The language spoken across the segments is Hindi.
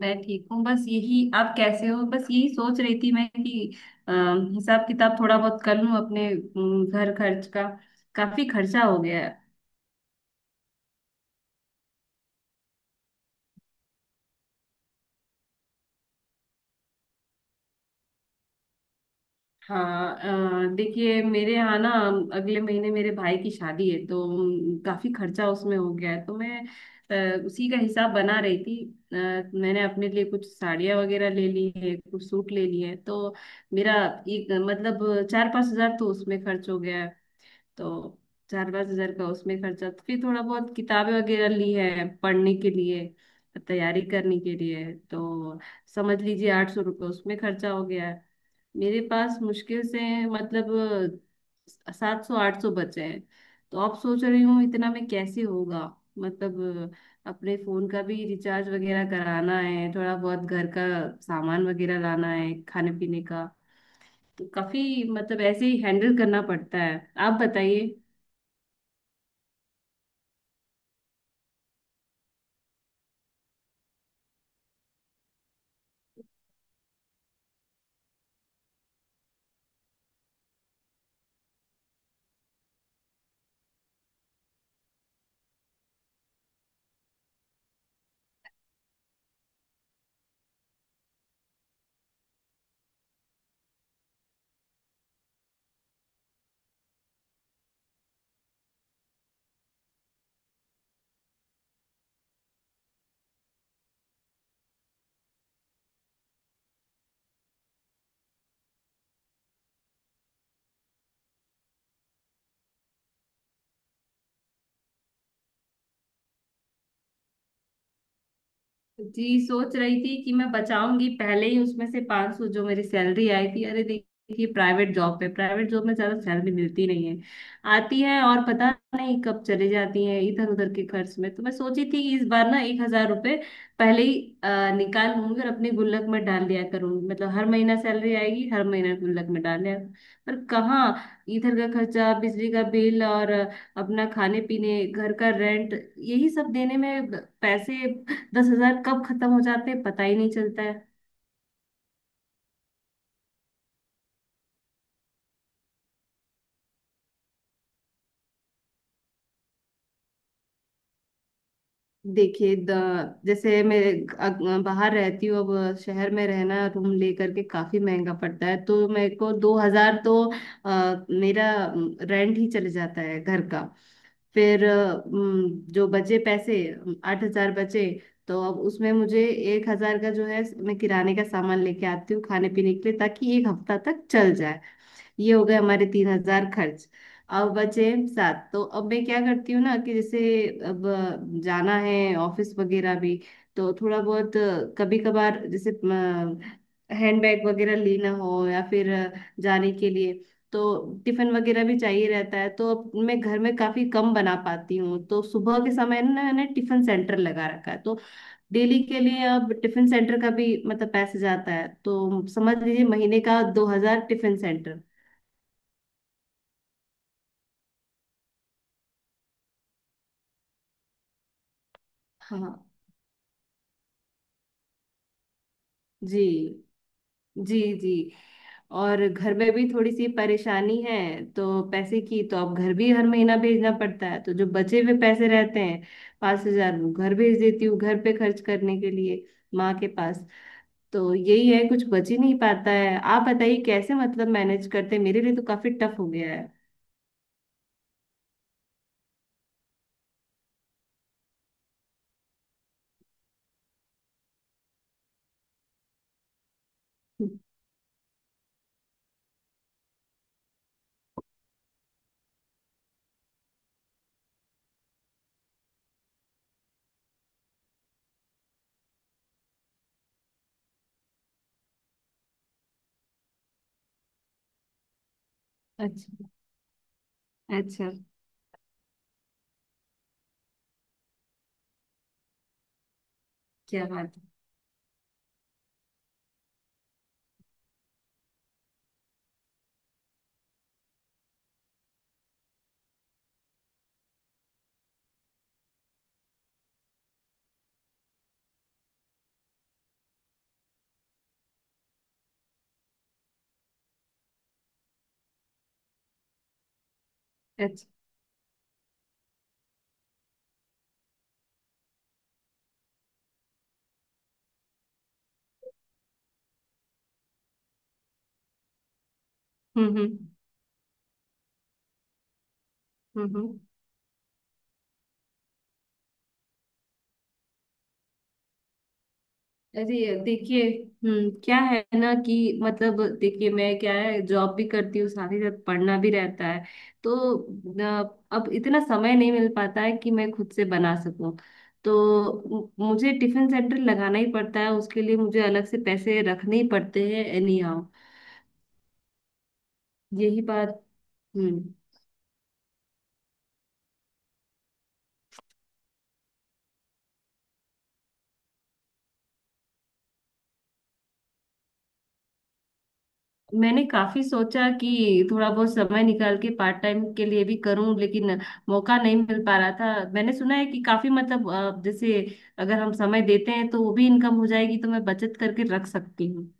मैं ठीक हूँ। बस यही, आप कैसे हो? बस यही सोच रही थी मैं कि अ, हिसाब किताब थोड़ा बहुत कर लूँ अपने घर खर्च का। काफी खर्चा हो गया है। हाँ। देखिए मेरे यहाँ ना, अगले महीने मेरे भाई की शादी है तो काफी खर्चा उसमें हो गया है। तो मैं उसी का हिसाब बना रही थी। अ, मैंने अपने लिए कुछ साड़ियाँ वगैरह ले ली है, कुछ सूट ले लिए हैं, तो मेरा एक मतलब 4-5 हजार तो उसमें खर्च हो गया। तो 4-5 हजार का उसमें खर्चा। तो फिर थोड़ा बहुत किताबें वगैरह ली है पढ़ने के लिए, तैयारी करने के लिए। तो समझ लीजिए 800 रुपये उसमें खर्चा हो गया है। मेरे पास मुश्किल से मतलब 700-800 बचे हैं। तो अब सोच रही हूँ इतना में कैसे होगा। मतलब अपने फोन का भी रिचार्ज वगैरह कराना है, थोड़ा बहुत घर का सामान वगैरह लाना है खाने पीने का। तो काफी मतलब ऐसे ही हैंडल करना पड़ता है। आप बताइए। जी। सोच रही थी कि मैं बचाऊंगी पहले ही उसमें से 500 जो मेरी सैलरी आई थी। अरे देखिए, प्राइवेट जॉब पे, प्राइवेट जॉब में ज्यादा सैलरी मिलती नहीं है। आती है और पता नहीं कब चली जाती है इधर उधर के खर्च में। तो मैं सोची थी कि इस बार ना 1,000 रुपये पहले ही निकाल लूंगी और अपने गुल्लक में डाल दिया करूंगी। मतलब हर महीना सैलरी आएगी, हर महीना गुल्लक में डाल दिया। पर कहाँ, इधर का खर्चा, बिजली का बिल, और अपना खाने पीने घर का रेंट, यही सब देने में पैसे 10,000 कब खत्म हो जाते हैं, पता ही नहीं चलता है। देखिए जैसे मैं बाहर रहती हूँ। अब शहर में रहना रूम लेकर के काफी महंगा पड़ता है, तो मेरे को 2,000 तो मेरा रेंट ही चले जाता है घर का। फिर जो बचे पैसे, 8,000 बचे। तो अब उसमें मुझे 1,000 का जो है मैं किराने का सामान लेके आती हूँ खाने पीने के लिए, ताकि एक हफ्ता तक चल जाए। ये हो गए हमारे 3,000 खर्च। अब बचे सात। तो अब मैं क्या करती हूँ ना, कि जैसे अब जाना है ऑफिस वगैरह भी, तो थोड़ा बहुत कभी कभार जैसे हैंडबैग वगैरह लेना हो या फिर जाने के लिए। तो टिफिन वगैरह भी चाहिए रहता है। तो अब मैं घर में काफी कम बना पाती हूँ, तो सुबह के समय ना मैंने टिफिन सेंटर लगा रखा है। तो डेली के लिए अब टिफिन सेंटर का भी मतलब पैसे जाता है। तो समझ लीजिए महीने का 2,000 टिफिन सेंटर। हाँ जी। जी जी। और घर में भी थोड़ी सी परेशानी है। तो पैसे की, तो अब घर भी हर महीना भेजना पड़ता है, तो जो बचे हुए पैसे रहते हैं 5,000 वो घर भेज देती हूँ घर पे खर्च करने के लिए, माँ के पास। तो यही है, कुछ बच ही नहीं पाता है। आप बताइए कैसे मतलब मैनेज करते हैं? मेरे लिए तो काफी टफ हो गया है। अच्छा। अच्छा। क्या बात है। अच्छा। हम्म। हम्म। हम्म। अरे देखिए, हम्म, क्या है ना कि मतलब देखिए मैं, क्या है, जॉब भी करती हूँ साथ ही साथ पढ़ना भी रहता है। तो अब इतना समय नहीं मिल पाता है कि मैं खुद से बना सकूं। तो मुझे टिफिन सेंटर लगाना ही पड़ता है, उसके लिए मुझे अलग से पैसे रखने ही पड़ते हैं एनी हाउ। यही बात। हम्म। मैंने काफी सोचा कि थोड़ा बहुत समय निकाल के पार्ट टाइम के लिए भी करूं, लेकिन मौका नहीं मिल पा रहा था। मैंने सुना है कि काफी मतलब जैसे अगर हम समय देते हैं तो वो भी इनकम हो जाएगी, तो मैं बचत करके रख सकती हूँ।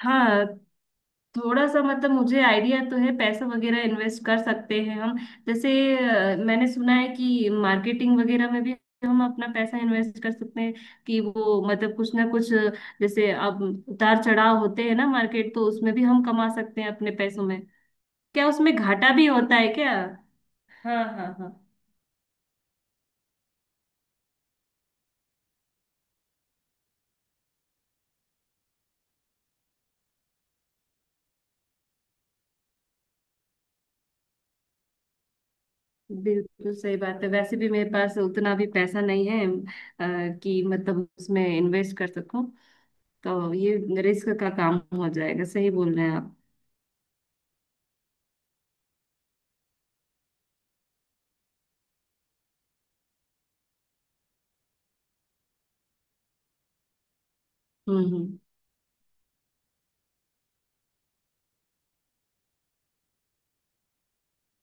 हाँ। थोड़ा सा मतलब मुझे आइडिया तो है, पैसा वगैरह इन्वेस्ट कर सकते हैं हम। जैसे मैंने सुना है कि मार्केटिंग वगैरह में भी हम अपना पैसा इन्वेस्ट कर सकते हैं, कि वो मतलब कुछ ना कुछ जैसे अब उतार चढ़ाव होते हैं ना मार्केट, तो उसमें भी हम कमा सकते हैं अपने पैसों में। क्या उसमें घाटा भी होता है क्या? हाँ हाँ हाँ। बिल्कुल सही बात है, वैसे भी मेरे पास उतना भी पैसा नहीं है कि मतलब उसमें इन्वेस्ट कर सकूं। तो ये रिस्क का काम हो जाएगा, सही बोल रहे हैं आप। हम्म। हम्म।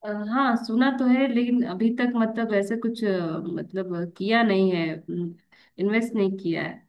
अ, हाँ, सुना तो है, लेकिन अभी तक मतलब ऐसा कुछ मतलब किया नहीं है। इन्वेस्ट नहीं किया है।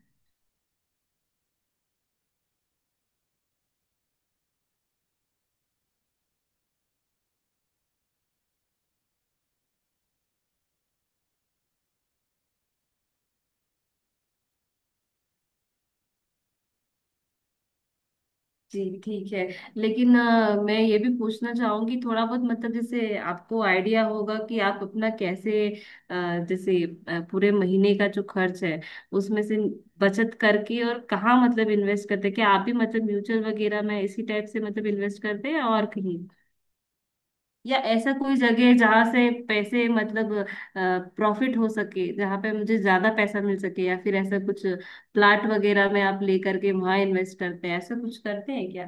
जी ठीक है। लेकिन मैं ये भी पूछना चाहूंगी, थोड़ा बहुत मतलब जैसे आपको आइडिया होगा कि आप अपना कैसे जैसे पूरे महीने का जो खर्च है उसमें से बचत करके और कहाँ मतलब इन्वेस्ट करते हैं? क्या आप भी मतलब म्यूचुअल वगैरह में इसी टाइप से मतलब इन्वेस्ट करते हैं और कहीं? या ऐसा कोई जगह है जहाँ से पैसे मतलब प्रॉफिट हो सके, जहाँ पे मुझे ज्यादा पैसा मिल सके? या फिर ऐसा कुछ प्लाट वगैरह में आप लेकर के वहां इन्वेस्ट करते हैं, ऐसा कुछ करते हैं क्या?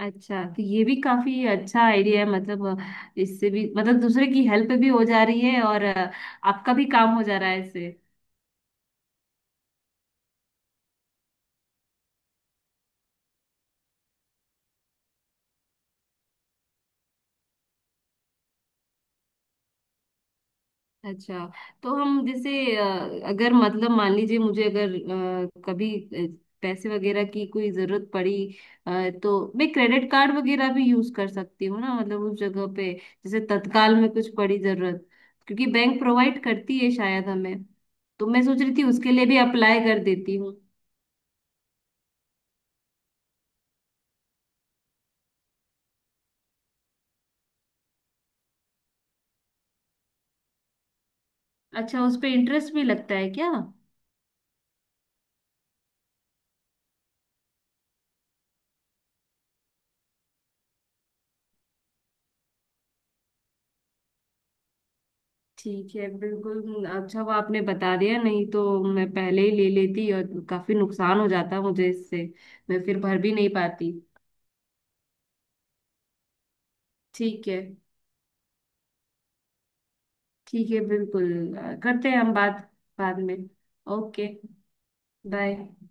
अच्छा, तो ये भी काफी अच्छा आइडिया है। मतलब इससे भी मतलब दूसरे की हेल्प भी हो जा रही है और आपका भी काम हो जा रहा है इससे। अच्छा, तो हम जैसे अगर मतलब मान लीजिए मुझे, अगर कभी पैसे वगैरह की कोई जरूरत पड़ी, अ, तो मैं क्रेडिट कार्ड वगैरह भी यूज कर सकती हूँ ना, मतलब उस जगह पे जैसे तत्काल में कुछ पड़ी जरूरत, क्योंकि बैंक प्रोवाइड करती है शायद हमें। तो मैं सोच रही थी उसके लिए भी अप्लाई कर देती हूँ। अच्छा, उस पे इंटरेस्ट भी लगता है क्या? ठीक है, बिल्कुल। अच्छा, वो आपने बता दिया, नहीं तो मैं पहले ही ले लेती और काफी नुकसान हो जाता मुझे इससे। मैं फिर भर भी नहीं पाती। ठीक है। ठीक है, बिल्कुल। करते हैं हम बात बाद में। ओके। बाय।